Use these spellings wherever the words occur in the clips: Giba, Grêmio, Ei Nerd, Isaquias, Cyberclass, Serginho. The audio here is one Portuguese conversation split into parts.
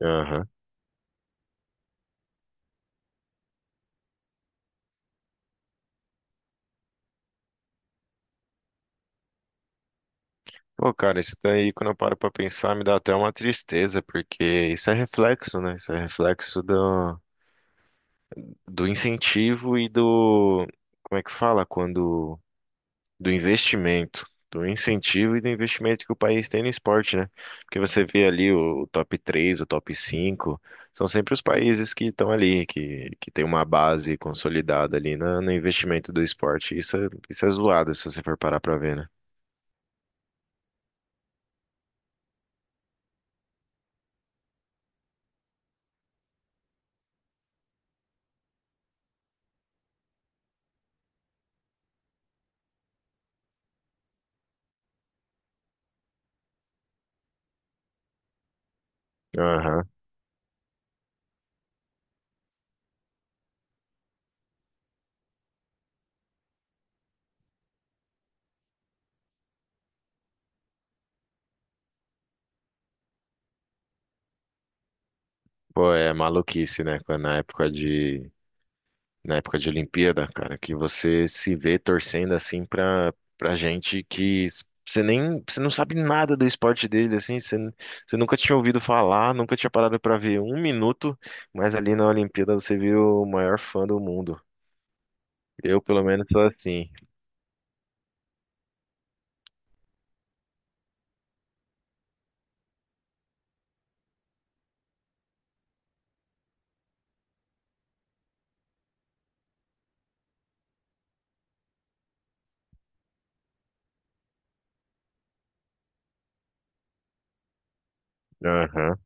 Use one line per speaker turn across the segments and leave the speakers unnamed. Aham. Pô, cara, isso daí, quando eu paro pra pensar, me dá até uma tristeza, porque isso é reflexo, né? Isso é reflexo do incentivo e do. Como é que fala? Quando. Do investimento. Do incentivo e do investimento que o país tem no esporte, né? Porque você vê ali o top 3 o top 5 são sempre os países que estão ali, que tem uma base consolidada ali no investimento do esporte. Isso é zoado, se você for parar pra ver, né? Aham. Pô, é maluquice, né? Quando Na época de, Na época de Olimpíada, cara, que você se vê torcendo assim pra gente você nem, você não sabe nada do esporte dele, assim, você nunca tinha ouvido falar, nunca tinha parado pra ver um minuto, mas ali na Olimpíada você viu o maior fã do mundo. Eu, pelo menos, sou assim. Aham.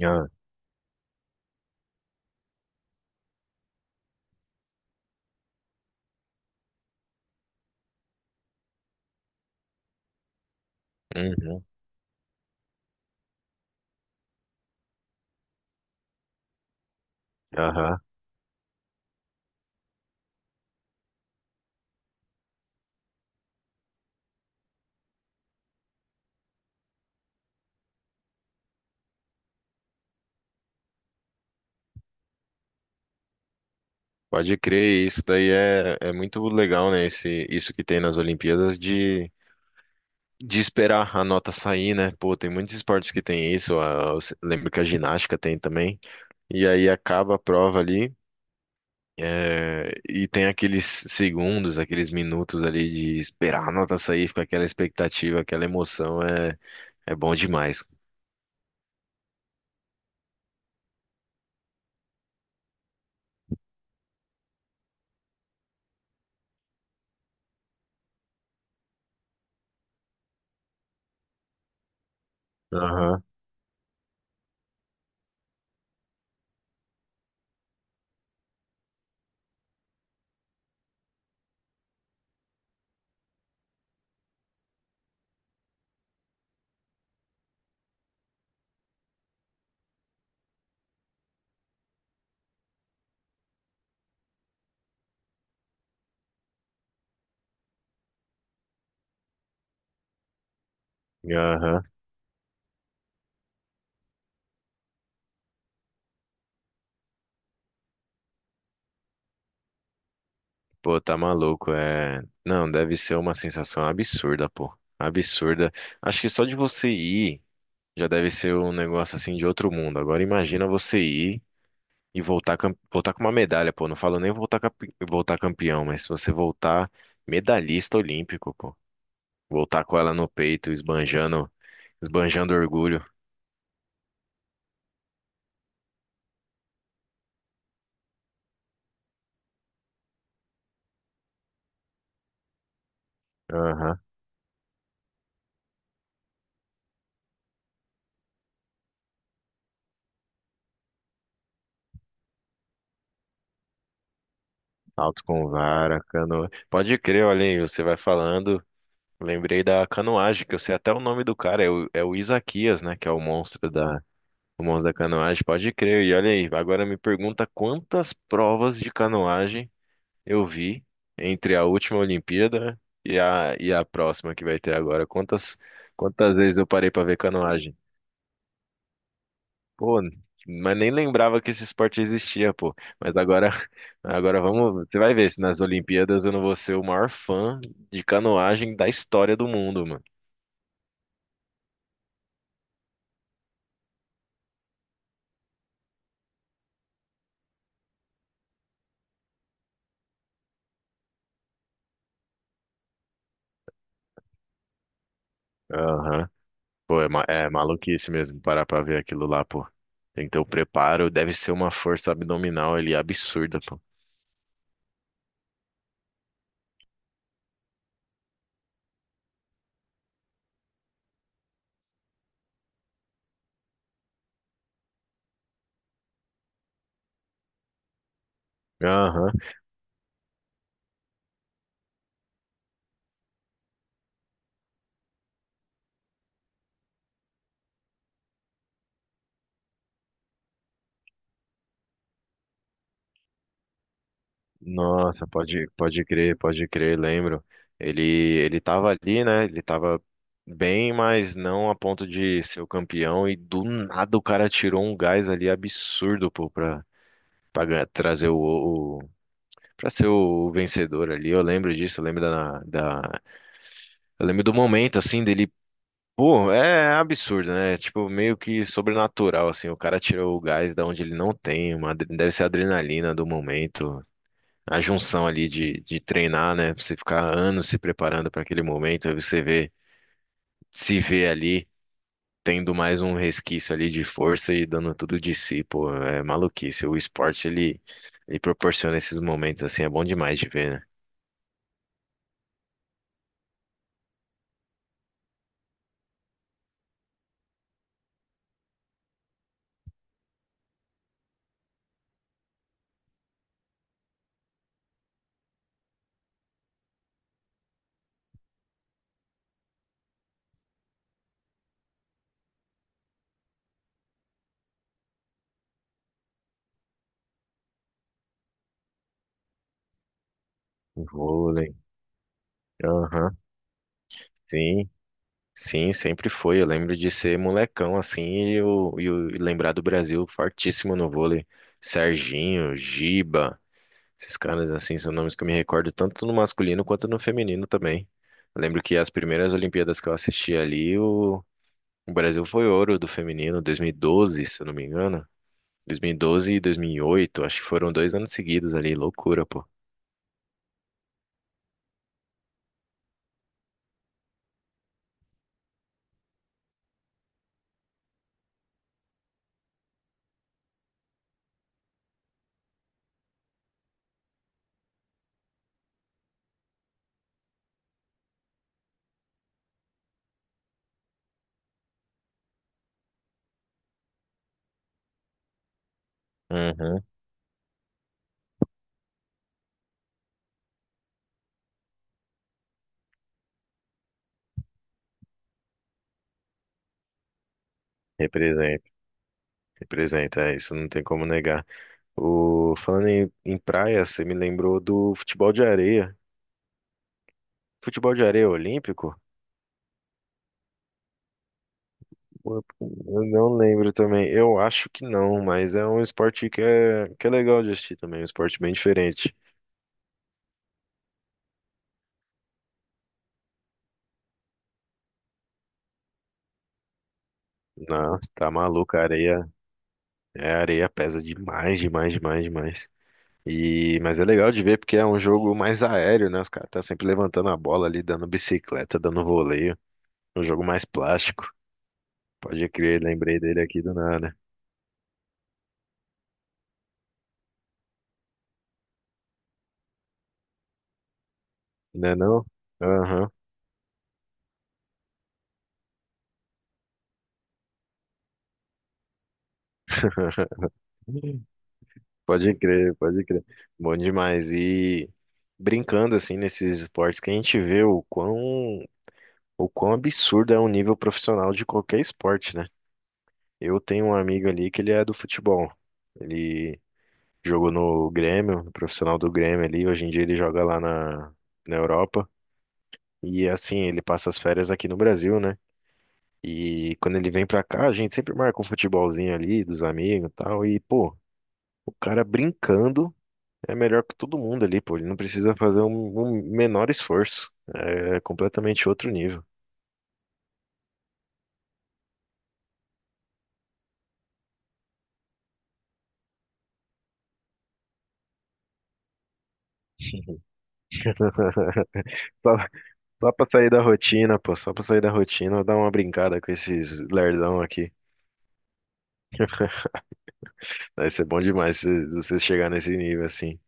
Aham. Uhum. Aham. Pode crer, isso daí é, é muito legal, né? Esse, isso que tem nas Olimpíadas de esperar a nota sair, né? Pô, tem muitos esportes que tem isso. a- eu se- Lembro que a ginástica tem também. E aí acaba a prova ali. É, e tem aqueles segundos, aqueles minutos ali de esperar a nota sair, fica aquela expectativa, aquela emoção, é, é bom demais. Aham. Aham. Pô, tá maluco, é. Não, deve ser uma sensação absurda, pô. Absurda. Acho que só de você ir já deve ser um negócio assim de outro mundo. Agora imagina você ir. E voltar, voltar com uma medalha, pô. Não falo nem voltar, voltar campeão, mas se você voltar medalhista olímpico, pô. Voltar com ela no peito, esbanjando orgulho. Aham. Alto com vara, canoa. Pode crer, olha aí, você vai falando. Lembrei da canoagem, que eu sei até o nome do cara, é é o Isaquias, né? Que é o monstro da canoagem. Pode crer. E olha aí, agora me pergunta quantas provas de canoagem eu vi entre a última Olimpíada e e a próxima que vai ter agora. Quantas, quantas vezes eu parei pra ver canoagem? Pô, mas nem lembrava que esse esporte existia, pô. Mas agora, agora vamos, você vai ver se nas Olimpíadas eu não vou ser o maior fã de canoagem da história do mundo, mano. Aham. Pô, é, é maluquice mesmo parar pra ver aquilo lá, pô. Tem que ter o preparo, deve ser uma força abdominal ali absurda, pô. Aham. Nossa, pode, pode crer, lembro. Ele tava ali, né? Ele tava bem, mas não a ponto de ser o campeão. E do nada o cara tirou um gás ali absurdo, pô, pra, trazer o, pra ser o vencedor ali. Eu lembro disso, eu lembro eu lembro do momento, assim, dele. Pô, é absurdo, né? Tipo, meio que sobrenatural, assim. O cara tirou o gás da onde ele não tem, uma, deve ser a adrenalina do momento a junção ali de treinar, né? Pra você ficar anos se preparando para aquele momento, aí você vê, se vê ali tendo mais um resquício ali de força e dando tudo de si, pô, é maluquice. O esporte ele proporciona esses momentos assim, é bom demais de ver, né? O vôlei. Aham. Sim. Sim, sempre foi. Eu lembro de ser molecão assim e, e lembrar do Brasil fortíssimo no vôlei. Serginho, Giba, esses caras, assim, são nomes que eu me recordo tanto no masculino quanto no feminino também. Eu lembro que as primeiras Olimpíadas que eu assisti ali, o Brasil foi ouro do feminino, 2012, se eu não me engano. 2012 e 2008, acho que foram dois anos seguidos ali, loucura, pô. Uhum. Representa, representa, é, isso não tem como negar. O, falando em praia, você me lembrou do futebol de areia. Futebol de areia olímpico? Eu não lembro também. Eu acho que não, mas é um esporte que é legal de assistir também. Um esporte bem diferente. Nossa, tá maluco. A areia, é, a areia pesa demais, demais, demais, demais. E, mas é legal de ver porque é um jogo mais aéreo, né? Os caras estão sempre levantando a bola ali, dando bicicleta, dando voleio. É um jogo mais plástico. Pode crer, lembrei dele aqui do nada. Não é não? Aham. Pode crer, pode crer. Bom demais. E brincando assim nesses esportes que a gente vê o quão absurdo é o nível profissional de qualquer esporte, né? Eu tenho um amigo ali que ele é do futebol. Ele jogou no Grêmio, no profissional do Grêmio ali. Hoje em dia ele joga lá na Europa. E assim, ele passa as férias aqui no Brasil, né? E quando ele vem pra cá, a gente sempre marca um futebolzinho ali dos amigos e tal. E, pô, o cara brincando. É melhor que todo mundo ali, pô. Ele não precisa fazer um menor esforço. É completamente outro nível. Só, só pra sair da rotina, pô. Só pra sair da rotina, eu dar uma brincada com esses lerdão aqui. Vai ser bom demais se você chegar nesse nível assim.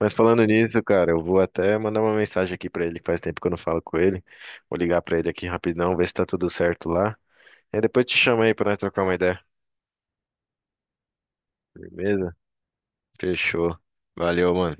Mas falando nisso, cara, eu vou até mandar uma mensagem aqui pra ele, que faz tempo que eu não falo com ele. Vou ligar pra ele aqui rapidão, ver se tá tudo certo lá. Aí depois te chamo aí pra nós trocar uma ideia. Beleza? Fechou. Valeu, mano.